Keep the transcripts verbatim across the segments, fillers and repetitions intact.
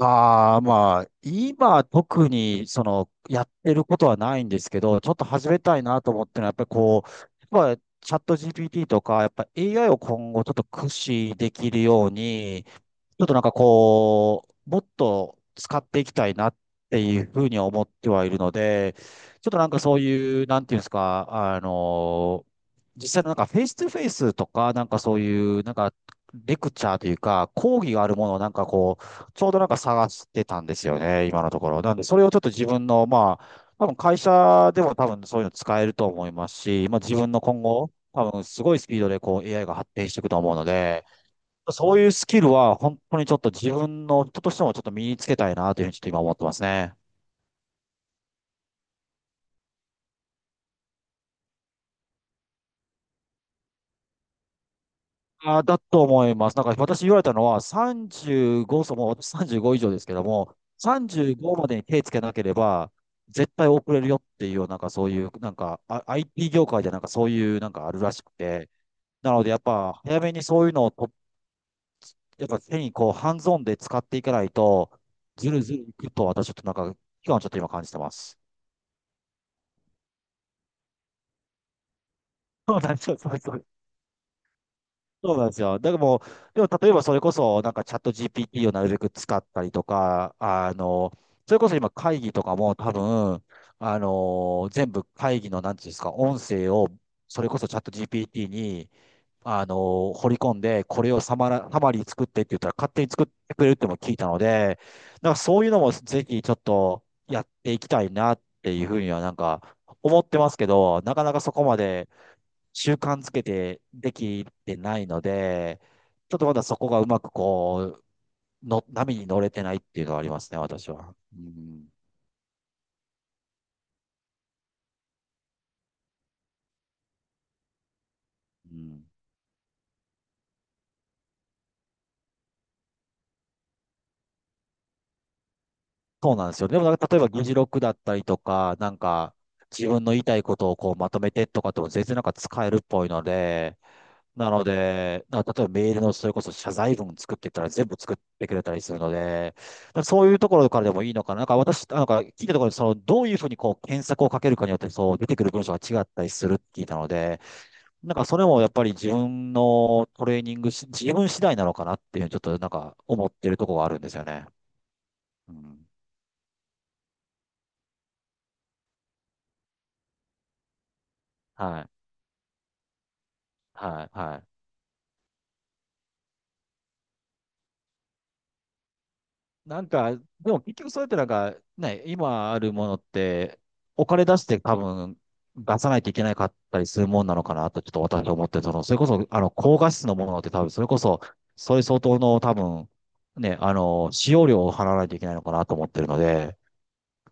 ああ、まあ、今特にその、やってることはないんですけど、ちょっと始めたいなと思ってるのは、やっぱりこう、やっぱチャット ジーピーティー とか、やっぱ エーアイ を今後ちょっと駆使できるように、ちょっとなんかこう、もっと使っていきたいなっていうふうには思ってはいるので、ちょっとなんかそういう、なんていうんですか、あの、実際のなんかフェイストゥフェイスとか、なんかそういう、なんかレクチャーというか、講義があるものをなんかこう、ちょうどなんか探してたんですよね、今のところ。なんで、それをちょっと自分の、まあ、多分会社でも多分そういうの使えると思いますし、まあ自分の今後、多分すごいスピードでこう エーアイ が発展していくと思うので、そういうスキルは本当にちょっと自分の人としてもちょっと身につけたいなというふうにちょっと今思ってますね。あー、だと思います。なんか私言われたのはさんじゅうご、そうもう私さんじゅうご以上ですけども、さんじゅうごまでに手つけなければ絶対遅れるよっていうような、なんかそういう、なんかあ アイティー 業界でなんかそういうなんかあるらしくて、なのでやっぱ早めにそういうのをと、やっぱ手にこうハンズオンで使っていかないと、ずるずるいくと私ちょっとなんか期間をちょっと今感じてます。そうなんですよ。そうそうそうなんですよ。だからもう、でも例えばそれこそ、なんかチャット ジーピーティー をなるべく使ったりとか、あの、それこそ今会議とかも多分、あの、全部会議の、なんていうんですか、音声を、それこそチャット ジーピーティー に、あの、掘り込んで、これをサマラ、サマリー作ってって言ったら勝手に作ってくれるっても聞いたので、なんかそういうのもぜひちょっとやっていきたいなっていうふうにはなんか思ってますけど、なかなかそこまで、習慣つけてできてないので、ちょっとまだそこがうまくこう、の、波に乗れてないっていうのはありますね、私は。うん。うん。そうなんですよ。でもなんか、例えば議事録だったりとか、なんか、自分の言いたいことをこうまとめてとかっても全然なんか使えるっぽいので、なので、な例えばメールのそれこそ謝罪文作ってったら全部作ってくれたりするので、そういうところからでもいいのかな。なんか私、なんか聞いたところで、その、どういうふうにこう検索をかけるかによって、そう出てくる文章が違ったりするって聞いたので、なんかそれもやっぱり自分のトレーニングし、自分次第なのかなっていうふうにちょっとなんか思ってるところがあるんですよね。うん。はい。はい。はい。なんか、でも結局それってなんか、ね、今あるものって、お金出して多分出さないといけなかったりするもんなのかなと、ちょっと私は思って、その、それこそ、あの、高画質のものって多分、それこそ、それ相当の多分、ね、あの、使用料を払わないといけないのかなと思ってるので、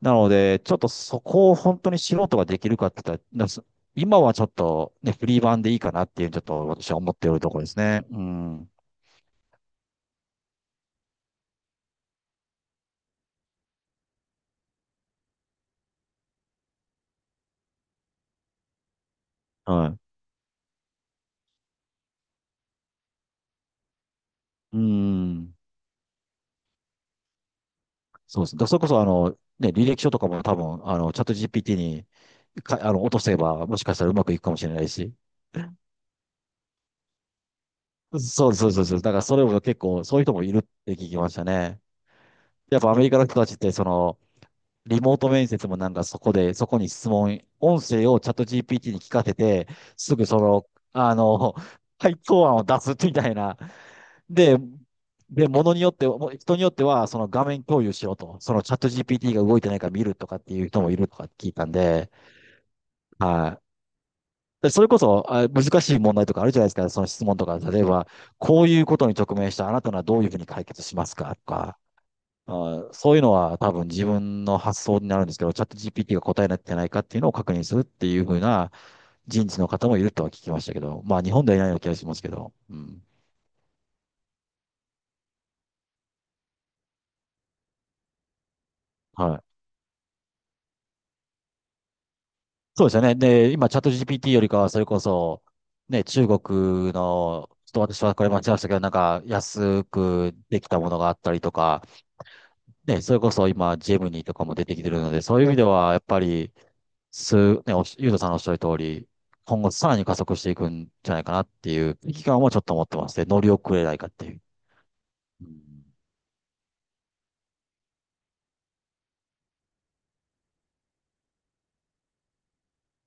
なので、ちょっとそこを本当に素人ができるかって言ったら、なす今はちょっとね、フリー版でいいかなっていう、ちょっと私は思っているところですね。うん。はい。うん。そうです。だからそれこそ、あの、ね、履歴書とかも多分、あの、チャット ジーピーティー にか、あの、落とせば、もしかしたらうまくいくかもしれないし。そうそうそうそう。だからそれも結構、そういう人もいるって聞きましたね。やっぱアメリカの人たちって、その、リモート面接もなんかそこで、そこに質問、音声をチャット ジーピーティー に聞かせて、すぐその、あの、回答案を出すみたいな。で、で、ものによっては、もう人によっては、その画面共有しろと、そのチャット ジーピーティー が動いてないか見るとかっていう人もいるとか聞いたんで、はい。でそれこそ、あ、難しい問題とかあるじゃないですか。その質問とか、例えば、こういうことに直面したあなたならどういうふうに解決しますかとか、あ、そういうのは多分自分の発想になるんですけど、チャット ジーピーティー が答えになってないかっていうのを確認するっていうふうな人事の方もいるとは聞きましたけど、まあ日本ではいないような気がしますけど、うん。はい。そうですよね。で、今チャット ジーピーティー よりかはそれこそ、ね、中国の、ちょっと私はこれ間違えましたけど、なんか安くできたものがあったりとか、ね、それこそ今、ジェムニーとかも出てきてるので、そういう意味では、やっぱり、す、ね、おしゆうとさんのおっしゃる通り、今後さらに加速していくんじゃないかなっていう危機感もちょっと持ってます。で乗り遅れないかっていう。うん。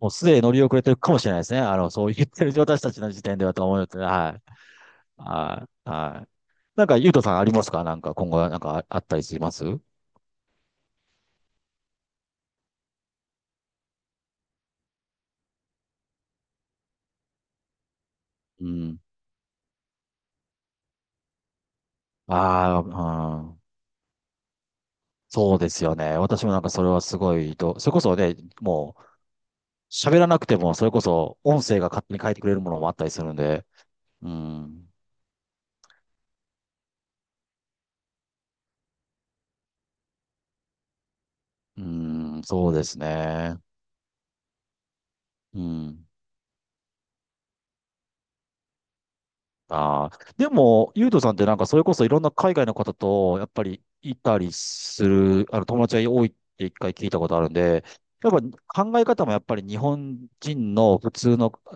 もうすでに乗り遅れてるかもしれないですね。あの、そう言ってる私たちの時点ではと思うので、はい。はい。はい。なんか、ゆうとさんありますか、なんか、今後はなんかああったりしますう。ん。ああ、うん。そうですよね。私もなんかそれはすごいと、それこそね、もう喋らなくても、それこそ音声が勝手に変えてくれるものもあったりするんで、うん、うん、そうですね。うん。ああ。でも、ゆうとさんってなんか、それこそいろんな海外の方と、やっぱりいたりする、あの、友達が多いって一回聞いたことあるんで、やっぱ考え方もやっぱり日本人の普通の考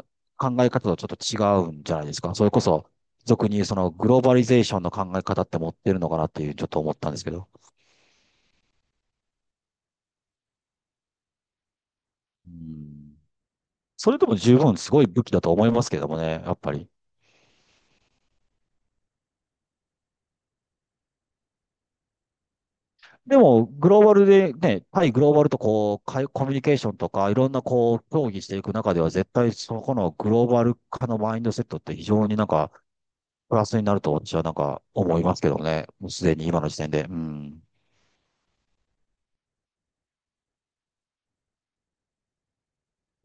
え方とちょっと違うんじゃないですか。それこそ、俗に言うそのグローバリゼーションの考え方って持ってるのかなっていう、ちょっと思ったんですけど。うん。それでも十分すごい武器だと思いますけどもね、やっぱり。でも、グローバルでね、対グローバルとこう、かいコミュニケーションとか、いろんなこう、協議していく中では、絶対そこのグローバル化のマインドセットって非常になんか、プラスになると私はなんか思いますけどね、もうすでに今の時点で。うん。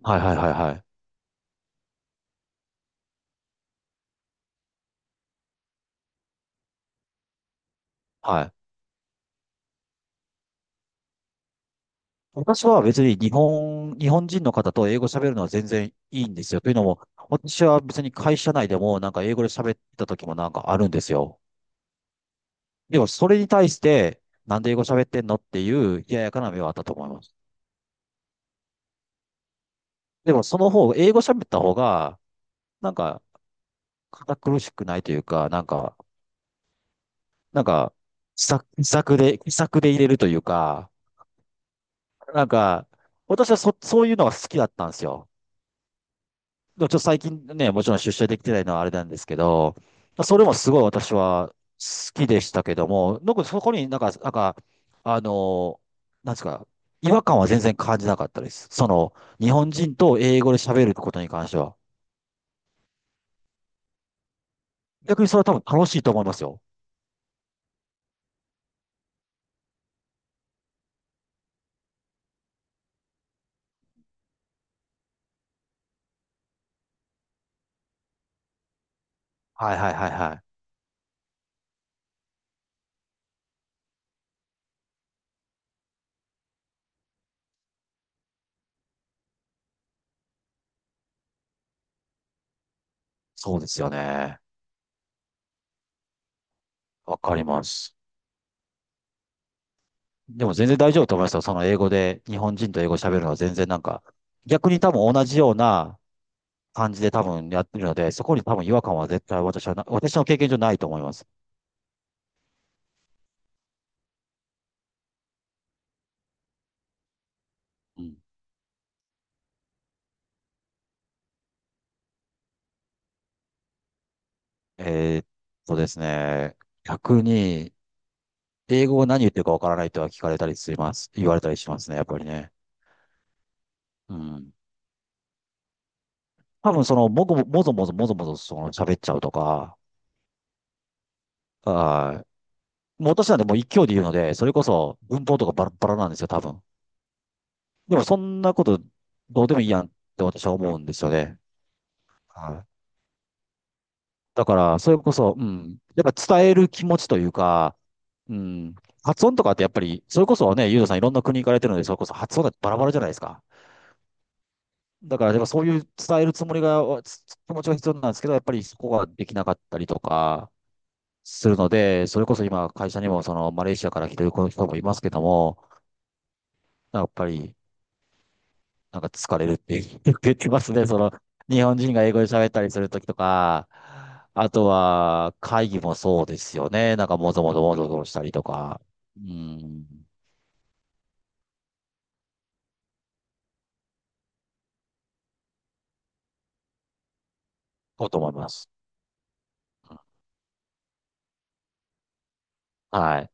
はいはいはいはい。はい。私は別に日本、日本人の方と英語喋るのは全然いいんですよ。というのも、私は別に会社内でもなんか英語で喋った時もなんかあるんですよ。でも、それに対して、なんで英語喋ってんのっていう冷ややかな目はあったと思います。でも、その方、英語喋った方が、なんか、堅苦しくないというか、なんか、なんか、気さ気さくで、気さくで入れるというか、なんか、私はそ、そういうのが好きだったんですよ。でもちょっと最近ね、もちろん出社できてないのはあれなんですけど、それもすごい私は好きでしたけども、なんかそこになんか、なんか、あの、なんですか、違和感は全然感じなかったです。その、日本人と英語で喋ることに関しては。逆にそれは多分楽しいと思いますよ。はいはいはいはい。そうですよね。わかります。でも全然大丈夫だと思いますよ。その英語で、日本人と英語喋るのは全然なんか、逆に多分同じような感じで多分やってるので、そこに多分違和感は絶対私はな、私の経験上ないと思います。うん。えーっとですね、逆に、英語を何言ってるかわからないとは聞かれたりします。言われたりしますね、やっぱりね。うん。多分その、もごも、もぞもぞもぞもぞその喋っちゃうとか、はい。もう私なんてもう一挙で言うので、それこそ文法とかバラバラなんですよ、多分。でもそんなことどうでもいいやんって私は思うんですよね。はい。だから、それこそ、うん。やっぱ伝える気持ちというか、うん。発音とかってやっぱり、それこそね、ユーザさんいろんな国行かれてるので、それこそ発音だってバラバラじゃないですか。だから、やっぱそういう伝えるつもりが、つ気持ちが必要なんですけど、やっぱりそこができなかったりとかするので、それこそ今、会社にもそのマレーシアから来てる子の人もいますけども、やっぱり、なんか疲れるって言って言ってますね。その、日本人が英語で喋ったりするときとか、あとは会議もそうですよね。なんかもぞもぞもぞもぞしたりとか、うん、こうと思います。はい。